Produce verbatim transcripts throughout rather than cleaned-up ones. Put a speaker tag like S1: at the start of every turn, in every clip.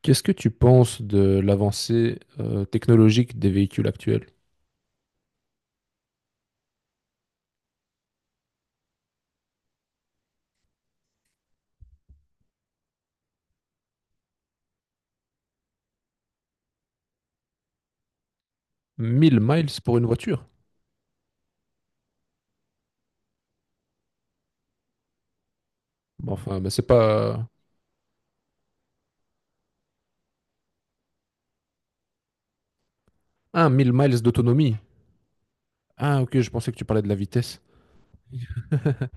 S1: Qu'est-ce que tu penses de l'avancée euh, technologique des véhicules actuels? Mille miles pour une voiture? Bon. Enfin, ben, c'est pas... Ah, mille miles d'autonomie. Ah, ok, je pensais que tu parlais de la vitesse.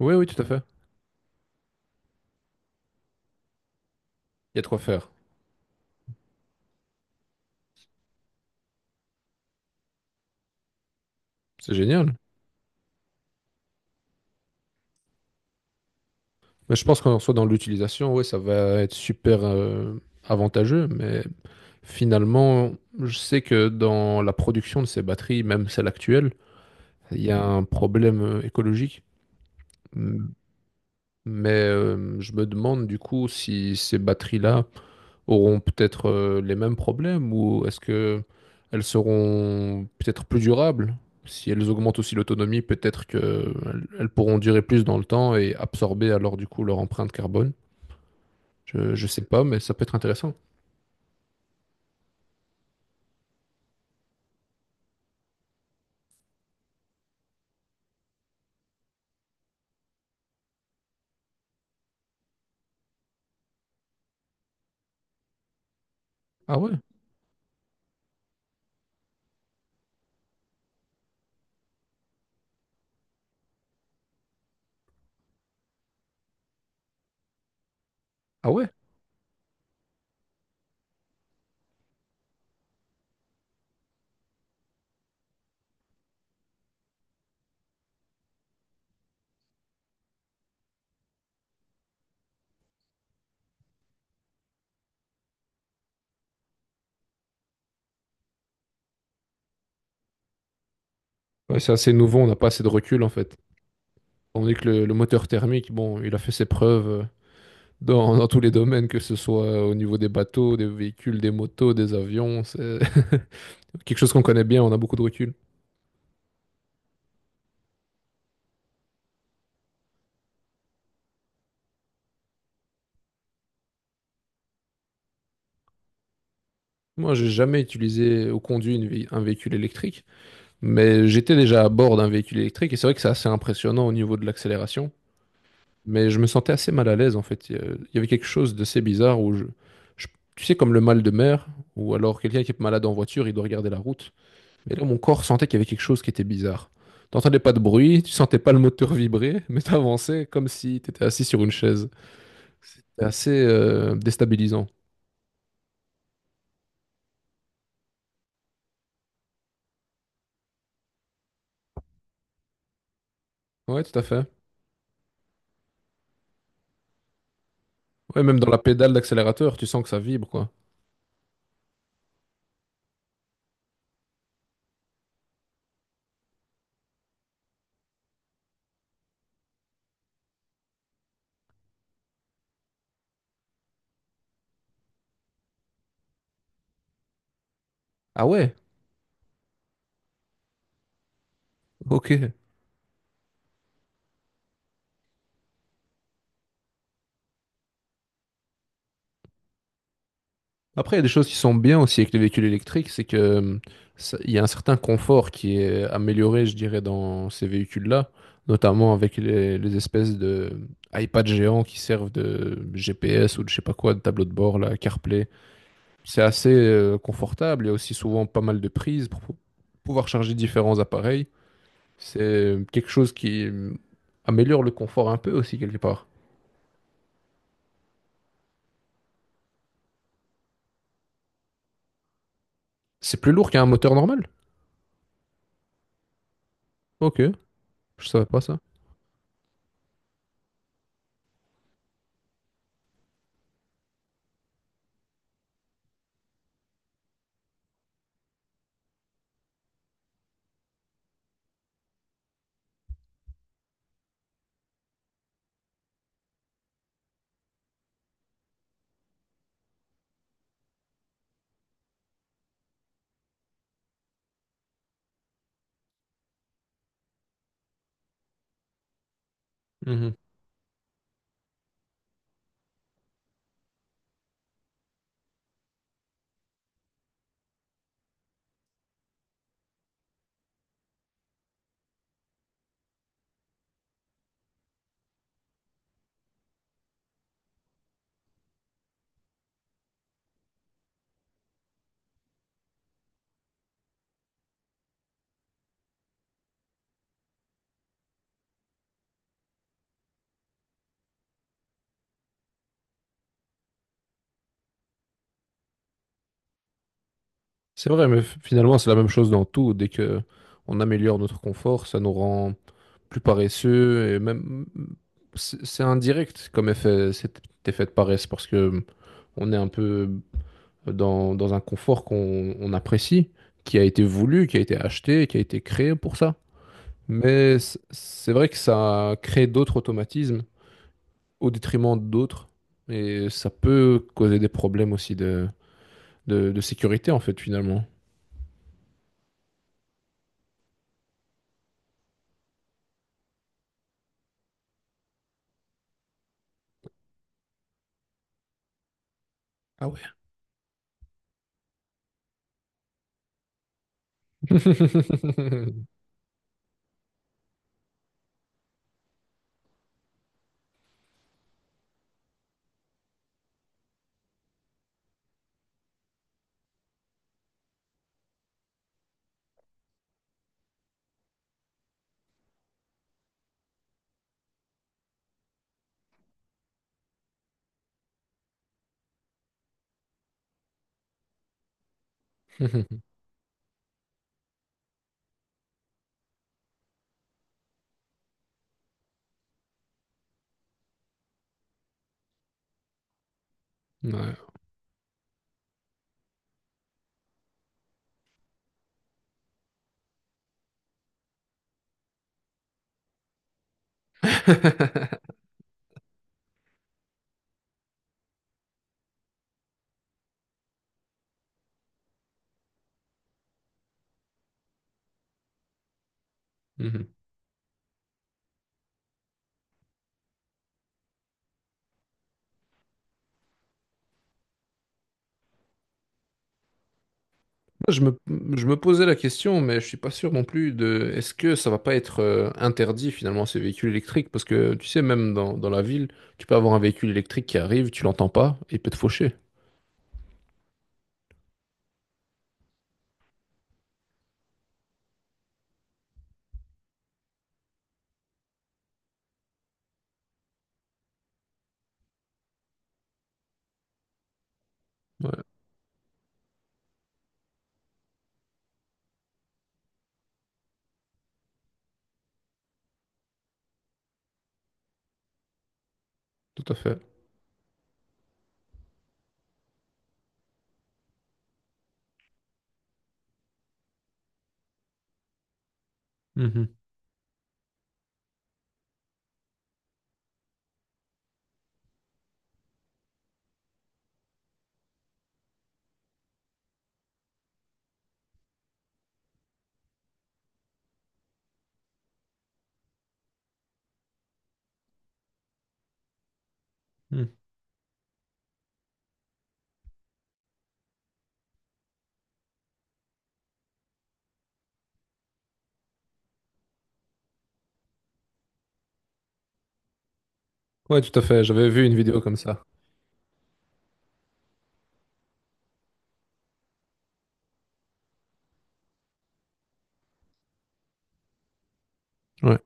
S1: Oui, oui, tout à fait. Il y a de quoi faire. C'est génial. Mais je pense qu'en soit dans l'utilisation, ouais, ça va être super euh, avantageux. Mais finalement, je sais que dans la production de ces batteries, même celles actuelles, il y a un problème euh, écologique. Mais euh, je me demande du coup si ces batteries-là auront peut-être euh, les mêmes problèmes ou est-ce que elles seront peut-être plus durables? Si elles augmentent aussi l'autonomie, peut-être qu'elles elles pourront durer plus dans le temps et absorber alors du coup leur empreinte carbone. Je, je sais pas, mais ça peut être intéressant. Ah ouais? Ah ouais? Ouais, c'est assez nouveau, on n'a pas assez de recul en fait. On est que le, le moteur thermique, bon, il a fait ses preuves euh, dans, dans tous les domaines, que ce soit au niveau des bateaux, des véhicules, des motos, des avions. C'est- quelque chose qu'on connaît bien, on a beaucoup de recul. Moi, j'ai jamais utilisé ou conduit une vé- un véhicule électrique, mais j'étais déjà à bord d'un véhicule électrique et c'est vrai que c'est assez impressionnant au niveau de l'accélération. Mais je me sentais assez mal à l'aise en fait. Il y a- il y avait quelque chose d'assez bizarre où je, je- tu sais, comme le mal de mer ou alors quelqu'un qui est malade en voiture, il doit regarder la route. Et là, mon corps sentait qu'il y avait quelque chose qui était bizarre. T'entendais pas de bruit, tu sentais pas le moteur vibrer, mais t'avançais comme si t'étais assis sur une chaise. C'est assez euh, déstabilisant. Ouais, tout à fait. Ouais, même dans la pédale d'accélérateur, tu sens que ça vibre, quoi. Ah ouais, ok. Après, il y a des choses qui sont bien aussi avec les véhicules électriques, c'est que euh, ça- il y a un certain confort qui est amélioré, je dirais, dans ces véhicules-là, notamment avec les, les espèces de hum, iPads géants qui servent de G P S ou de je sais pas quoi, de tableau de bord, là, CarPlay. C'est assez euh, confortable. Il y a aussi souvent pas mal de prises pour pou- pouvoir charger différents appareils. C'est hum, quelque chose qui euh, améliore le confort un peu aussi, quelque part. C'est plus lourd qu'un moteur normal. Ok, je savais pas ça. Mhm. C'est vrai, mais f- finalement, c'est la même chose dans tout. Dès que on améliore notre confort, ça nous rend plus paresseux et même c'est c'est indirect comme effet, cet effet de paresse parce que on est un peu dans, dans un confort qu'on on apprécie, qui a été voulu, qui a été acheté, qui a été créé pour ça. Mais c- c'est vrai que ça crée d'autres automatismes au détriment d'autres et ça peut causer des problèmes aussi de, de de sécurité en fait finalement. Ah ouais. Ouais. Mhm. Je me, je me posais la question, mais je suis pas sûr non plus de est-ce que ça va pas être euh, interdit finalement ces véhicules électriques? Parce que tu sais, même dans, dans la ville, tu peux avoir un véhicule électrique qui arrive, tu l'entends pas et il peut te faucher. Ouais, tout à fait. Mhm. Mhm. Ouais, tout à fait. J'avais vu une vidéo comme ça. Ouais.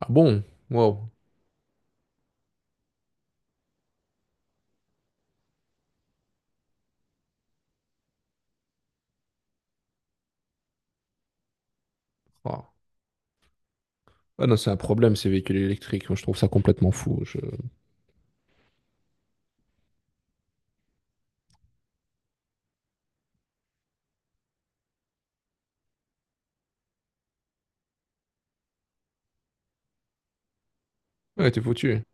S1: Ah bon? Wow. Wow. Ah non, c'est un problème ces véhicules électriques. Moi, je trouve ça complètement fou. Je- Ouais, t'es foutu.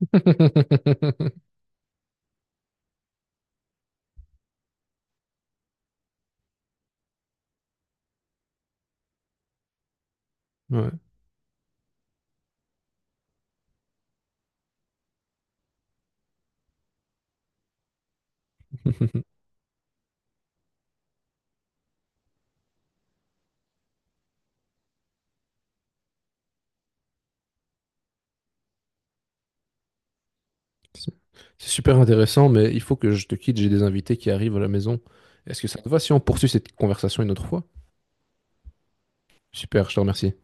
S1: Ouais. C'est c'est super intéressant, mais il faut que je te quitte, j'ai des invités qui arrivent à la maison. Est-ce que ça te va si on poursuit cette conversation une autre fois? Super, je te remercie.